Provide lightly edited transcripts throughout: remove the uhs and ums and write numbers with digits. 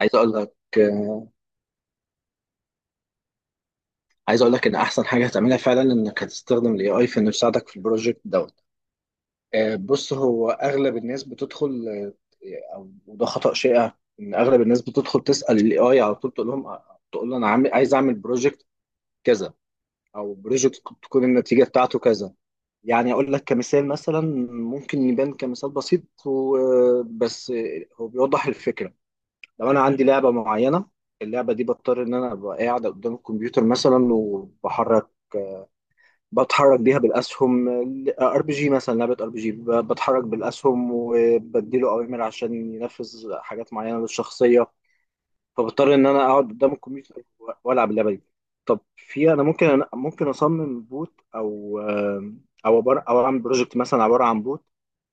عايز اقول لك عايز اقول لك ان احسن حاجه هتعملها فعلا انك هتستخدم الاي اي في انه يساعدك في البروجكت دوت. بص، هو اغلب الناس بتدخل، آه، او وده خطا شائع، ان اغلب الناس بتدخل تسال الاي اي على طول تقول له انا عايز اعمل بروجكت كذا بروجكت تكون النتيجه بتاعته كذا. يعني اقول لك كمثال مثلا، ممكن يبان كمثال بسيط بس هو بيوضح الفكره. لو انا عندي لعبه معينه، اللعبه دي بضطر ان انا ابقى قاعد قدام الكمبيوتر مثلا، بتحرك بيها بالاسهم. ار بي جي مثلا، لعبه ار بي جي بتحرك بالاسهم وبديله اوامر عشان ينفذ حاجات معينه للشخصيه. فبضطر ان انا اقعد قدام الكمبيوتر والعب اللعبه دي. طب في انا ممكن، أنا ممكن اصمم بوت او او عباره او اعمل بروجكت مثلا عباره عن بوت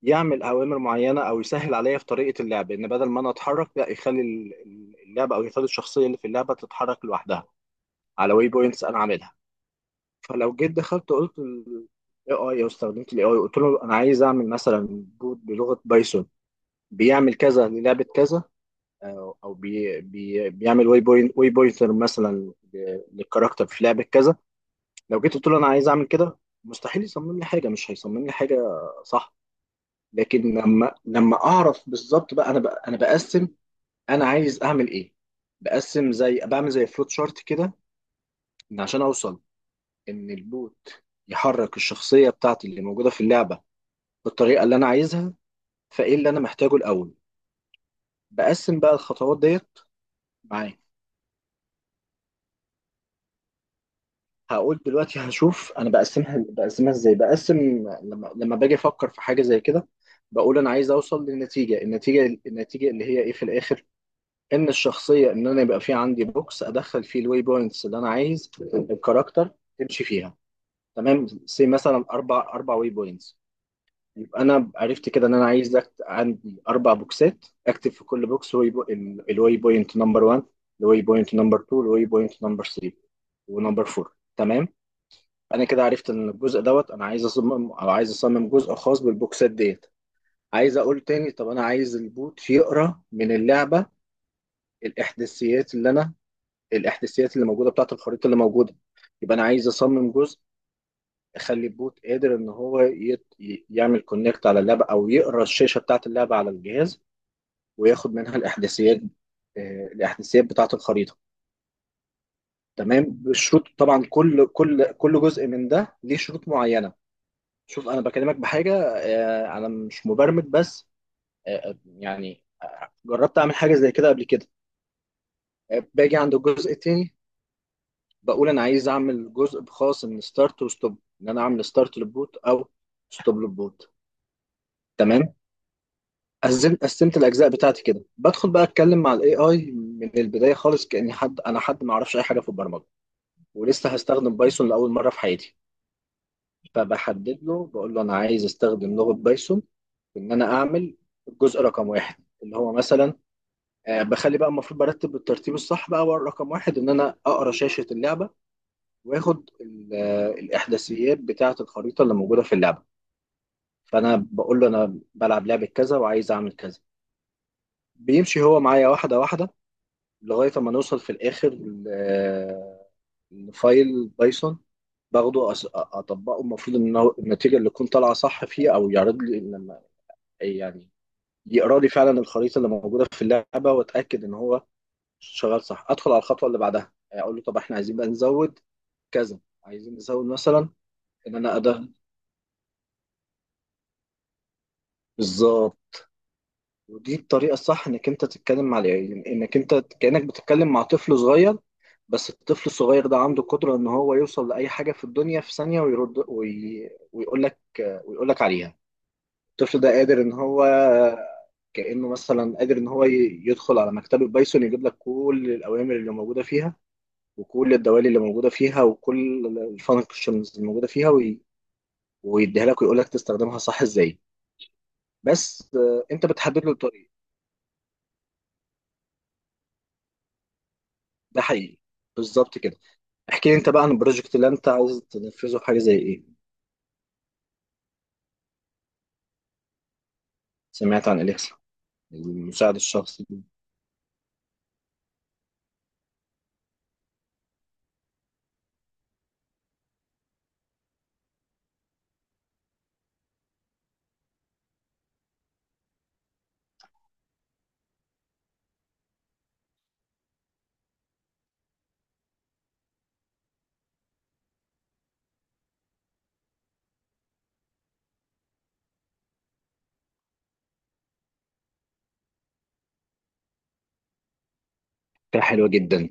يعمل اوامر معينه، او يسهل عليا في طريقه اللعب، ان بدل ما انا اتحرك لا يخلي ال- ال- اللعبه او يخلي الشخصيه اللي في اللعبه تتحرك لوحدها على واي بوينتس انا عاملها. فلو جيت دخلت قلت الاي اي او استخدمت الاي اي قلت له انا عايز اعمل مثلا بوت بلغه بايثون بيعمل كذا للعبه كذا، او أو بي بي بيعمل واي بوينتر مثلا للكاركتر في لعبه كذا. لو جيت قلت له انا عايز اعمل كده، مستحيل يصمم لي حاجه، مش هيصمم لي حاجه، صح؟ لكن لما اعرف بالظبط بقى انا، بقسم انا عايز اعمل ايه. بقسم زي فلوت شارت كده، عشان اوصل ان البوت يحرك الشخصيه بتاعتي اللي موجوده في اللعبه بالطريقه اللي انا عايزها. فايه اللي انا محتاجه الاول؟ بقسم بقى الخطوات ديت معاه. هقول دلوقتي، هشوف انا بقسمها ازاي، لما باجي افكر في حاجه زي كده، بقول انا عايز اوصل للنتيجه، النتيجه النتيجه اللي هي ايه في الاخر. ان انا يبقى في عندي بوكس ادخل فيه الواي بوينتس اللي انا عايز الكاركتر تمشي فيها. تمام، سي مثلا اربع واي بوينتس. يبقى انا عرفت كده ان انا عايز عندي اربع بوكسات، اكتب في كل بوكس الواي بوينت نمبر 1، الواي بوينت نمبر 2، الواي بوينت نمبر 3، ونمبر 4. تمام، انا كده عرفت ان الجزء دوت انا عايز اصمم جزء خاص بالبوكسات ديت. عايز اقول تاني، طب انا عايز البوت يقرا من اللعبه الاحداثيات اللي انا الاحداثيات اللي موجوده بتاعه الخريطه اللي موجوده. يبقى انا عايز اصمم جزء اخلي البوت قادر ان هو يعمل كونكت على اللعبه، او يقرا الشاشه بتاعه اللعبه على الجهاز، وياخد منها الاحداثيات، الاحداثيات بتاعه الخريطه. تمام، بالشروط طبعا، كل جزء من ده ليه شروط معينه. شوف، انا بكلمك بحاجه، انا مش مبرمج، بس يعني جربت اعمل حاجه زي كده قبل كده. باجي عند الجزء التاني، بقول انا عايز اعمل جزء خاص من ستارت وستوب، ان انا اعمل ستارت للبوت او ستوب للبوت. تمام، قسمت الاجزاء بتاعتي كده، بدخل بقى اتكلم مع الاي اي من البدايه خالص، كاني حد، انا حد ما اعرفش اي حاجه في البرمجه ولسه هستخدم بايثون لاول مره في حياتي. فبحدد له، بقول له انا عايز استخدم لغه بايثون في ان انا اعمل الجزء رقم واحد، اللي هو مثلا، بخلي بقى المفروض برتب بالترتيب الصح، بقى هو رقم واحد ان انا اقرا شاشه اللعبه، واخد الاحداثيات بتاعه الخريطه اللي موجوده في اللعبه. فانا بقول له انا بلعب لعبه كذا وعايز اعمل كذا، بيمشي هو معايا واحده واحده، لغايه ما نوصل في الاخر لفايل بايثون، باخده اطبقه. المفروض ان هو النتيجه اللي تكون طالعه صح فيه، او يعرض لي لما، يعني، يقرا لي فعلا الخريطه اللي موجوده في اللعبه، واتاكد ان هو شغال صح، ادخل على الخطوه اللي بعدها. يعني اقول له طب احنا عايزين بقى نزود كذا، عايزين نزود مثلا ان انا ادخل. بالظبط، ودي الطريقه الصح انك انت تتكلم مع العيال، انك انت كانك بتتكلم مع طفل صغير، بس الطفل الصغير ده عنده قدره ان هو يوصل لاي حاجه في الدنيا في ثانيه، ويرد ويقول لك عليها. الطفل ده قادر ان هو كانه مثلا قادر ان هو يدخل على مكتبه بايثون، يجيب لك كل الاوامر اللي موجوده فيها، وكل الدوالي اللي موجودة فيها، وكل الفانكشنز اللي موجودة فيها، ويديها لك ويقول لك تستخدمها صح ازاي. بس انت بتحدد له الطريق. ده حقيقي، بالظبط كده. احكي لي انت بقى عن البروجكت اللي انت عايز تنفذه، في حاجة زي ايه؟ سمعت عن اليكسا؟ المساعد الشخصي دي؟ فكرة حلوة جدا.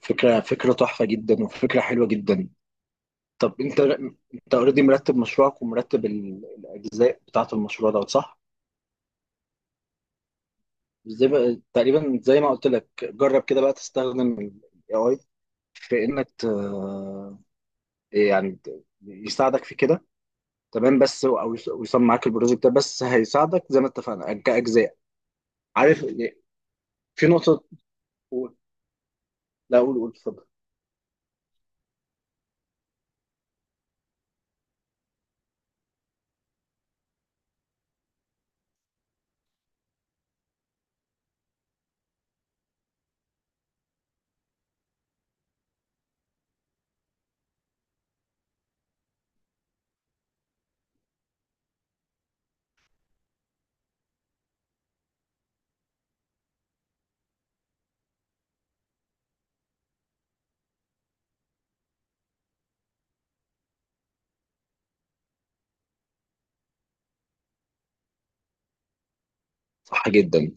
فكرة تحفة جدا، وفكرة حلوة جدا. طب انت اوريدي مرتب مشروعك ومرتب الجزء بتاعت المشروع ده، صح؟ ازاي بقى؟ تقريبا زي ما قلت لك، جرب كده بقى تستخدم ال AI في انك يساعدك في كده. تمام، بس ويصمم معاك البروجكت ده، بس هيساعدك زي ما اتفقنا كاجزاء. عارف يعني، في نقطه. قول. لا، قول قول، اتفضل. صح جدا.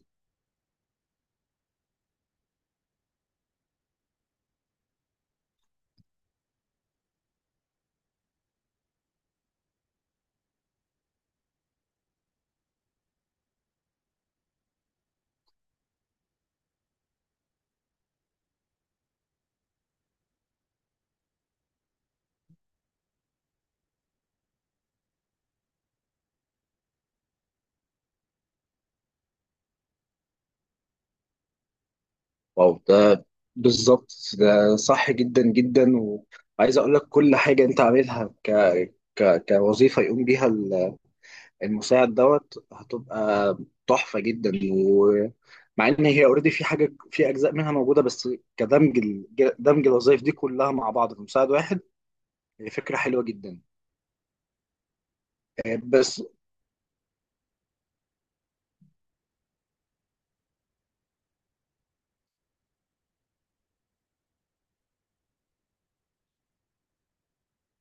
واو، ده بالظبط، ده صح جدا جدا. وعايز اقول لك كل حاجه انت عاملها كوظيفه يقوم بيها المساعد دوت هتبقى تحفة جدا. ومع ان هي اوريدي في حاجة، في اجزاء منها موجودة، بس كدمج ال- دمج الوظائف دي كلها مع بعض في مساعد واحد هي فكرة حلوة جدا. بس،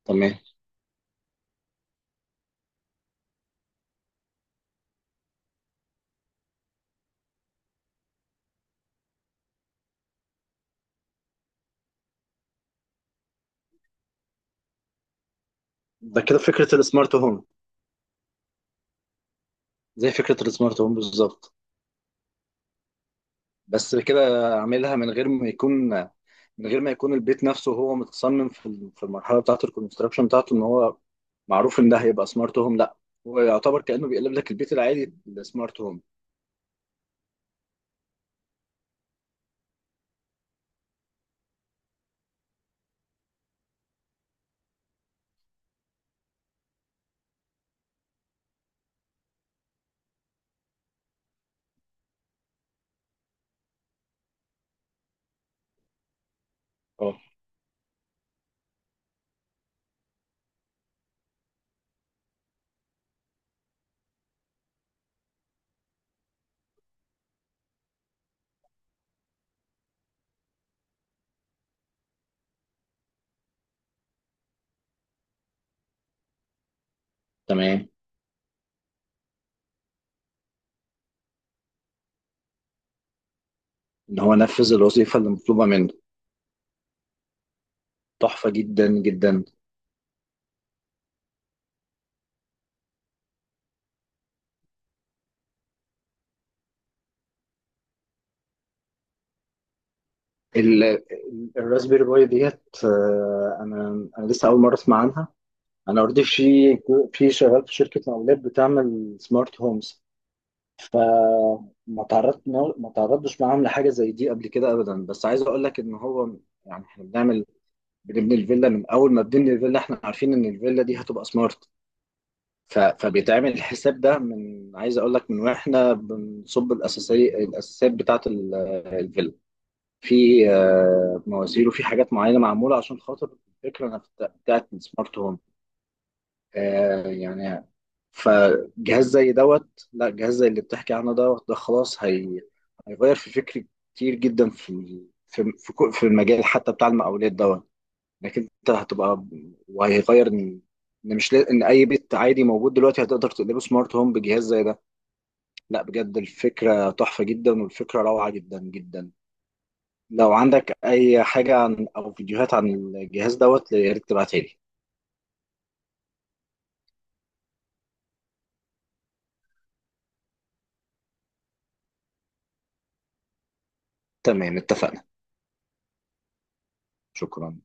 تمام. ده كده فكرة السمارت هوم، زي فكرة السمارت هوم بالظبط. بس كده اعملها من غير ما يكون البيت نفسه هو متصمم في في المرحلة بتاعة الكونستراكشن بتاعته، ان هو معروف ان ده هيبقى سمارت هوم. لا، هو يعتبر كأنه بيقلب لك البيت العادي السمارت هوم. اه، تمام، ان هو نفذ الوظيفه اللي مطلوبه منه. تحفه جدا جدا. الراسبيري باي ديت، انا لسه اول مره اسمع عنها. انا اوريدي في شغال في شركه مقاولات بتعمل سمارت هومز، فما تعرضت ما تعرضتش معاهم لحاجه زي دي قبل كده ابدا. بس عايز اقول لك ان هو يعني احنا بنبني الفيلا، من اول ما بنبني الفيلا احنا عارفين ان الفيلا دي هتبقى سمارت. فبيتعمل الحساب ده من، عايز اقول لك، من واحنا بنصب الاساسيات بتاعه الفيلا، في مواسير، وفي حاجات معينه معموله عشان خاطر الفكره نفسها بتاعه السمارت هوم، يعني. فجهاز زي دوت لا، جهاز زي اللي بتحكي عنه دوت، ده خلاص هيغير في فكري كتير جدا، في المجال حتى بتاع المقاولات دوت، انك انت هتبقى، وهيغير ان، إن مش لا- ان اي بيت عادي موجود دلوقتي هتقدر تقلبه سمارت هوم بجهاز زي ده. لا، بجد الفكره تحفه جدا، والفكره روعه جدا جدا. لو عندك اي حاجه عن، او فيديوهات عن الجهاز دوت، يا ريت تبعتها لي. تمام، اتفقنا. شكرا.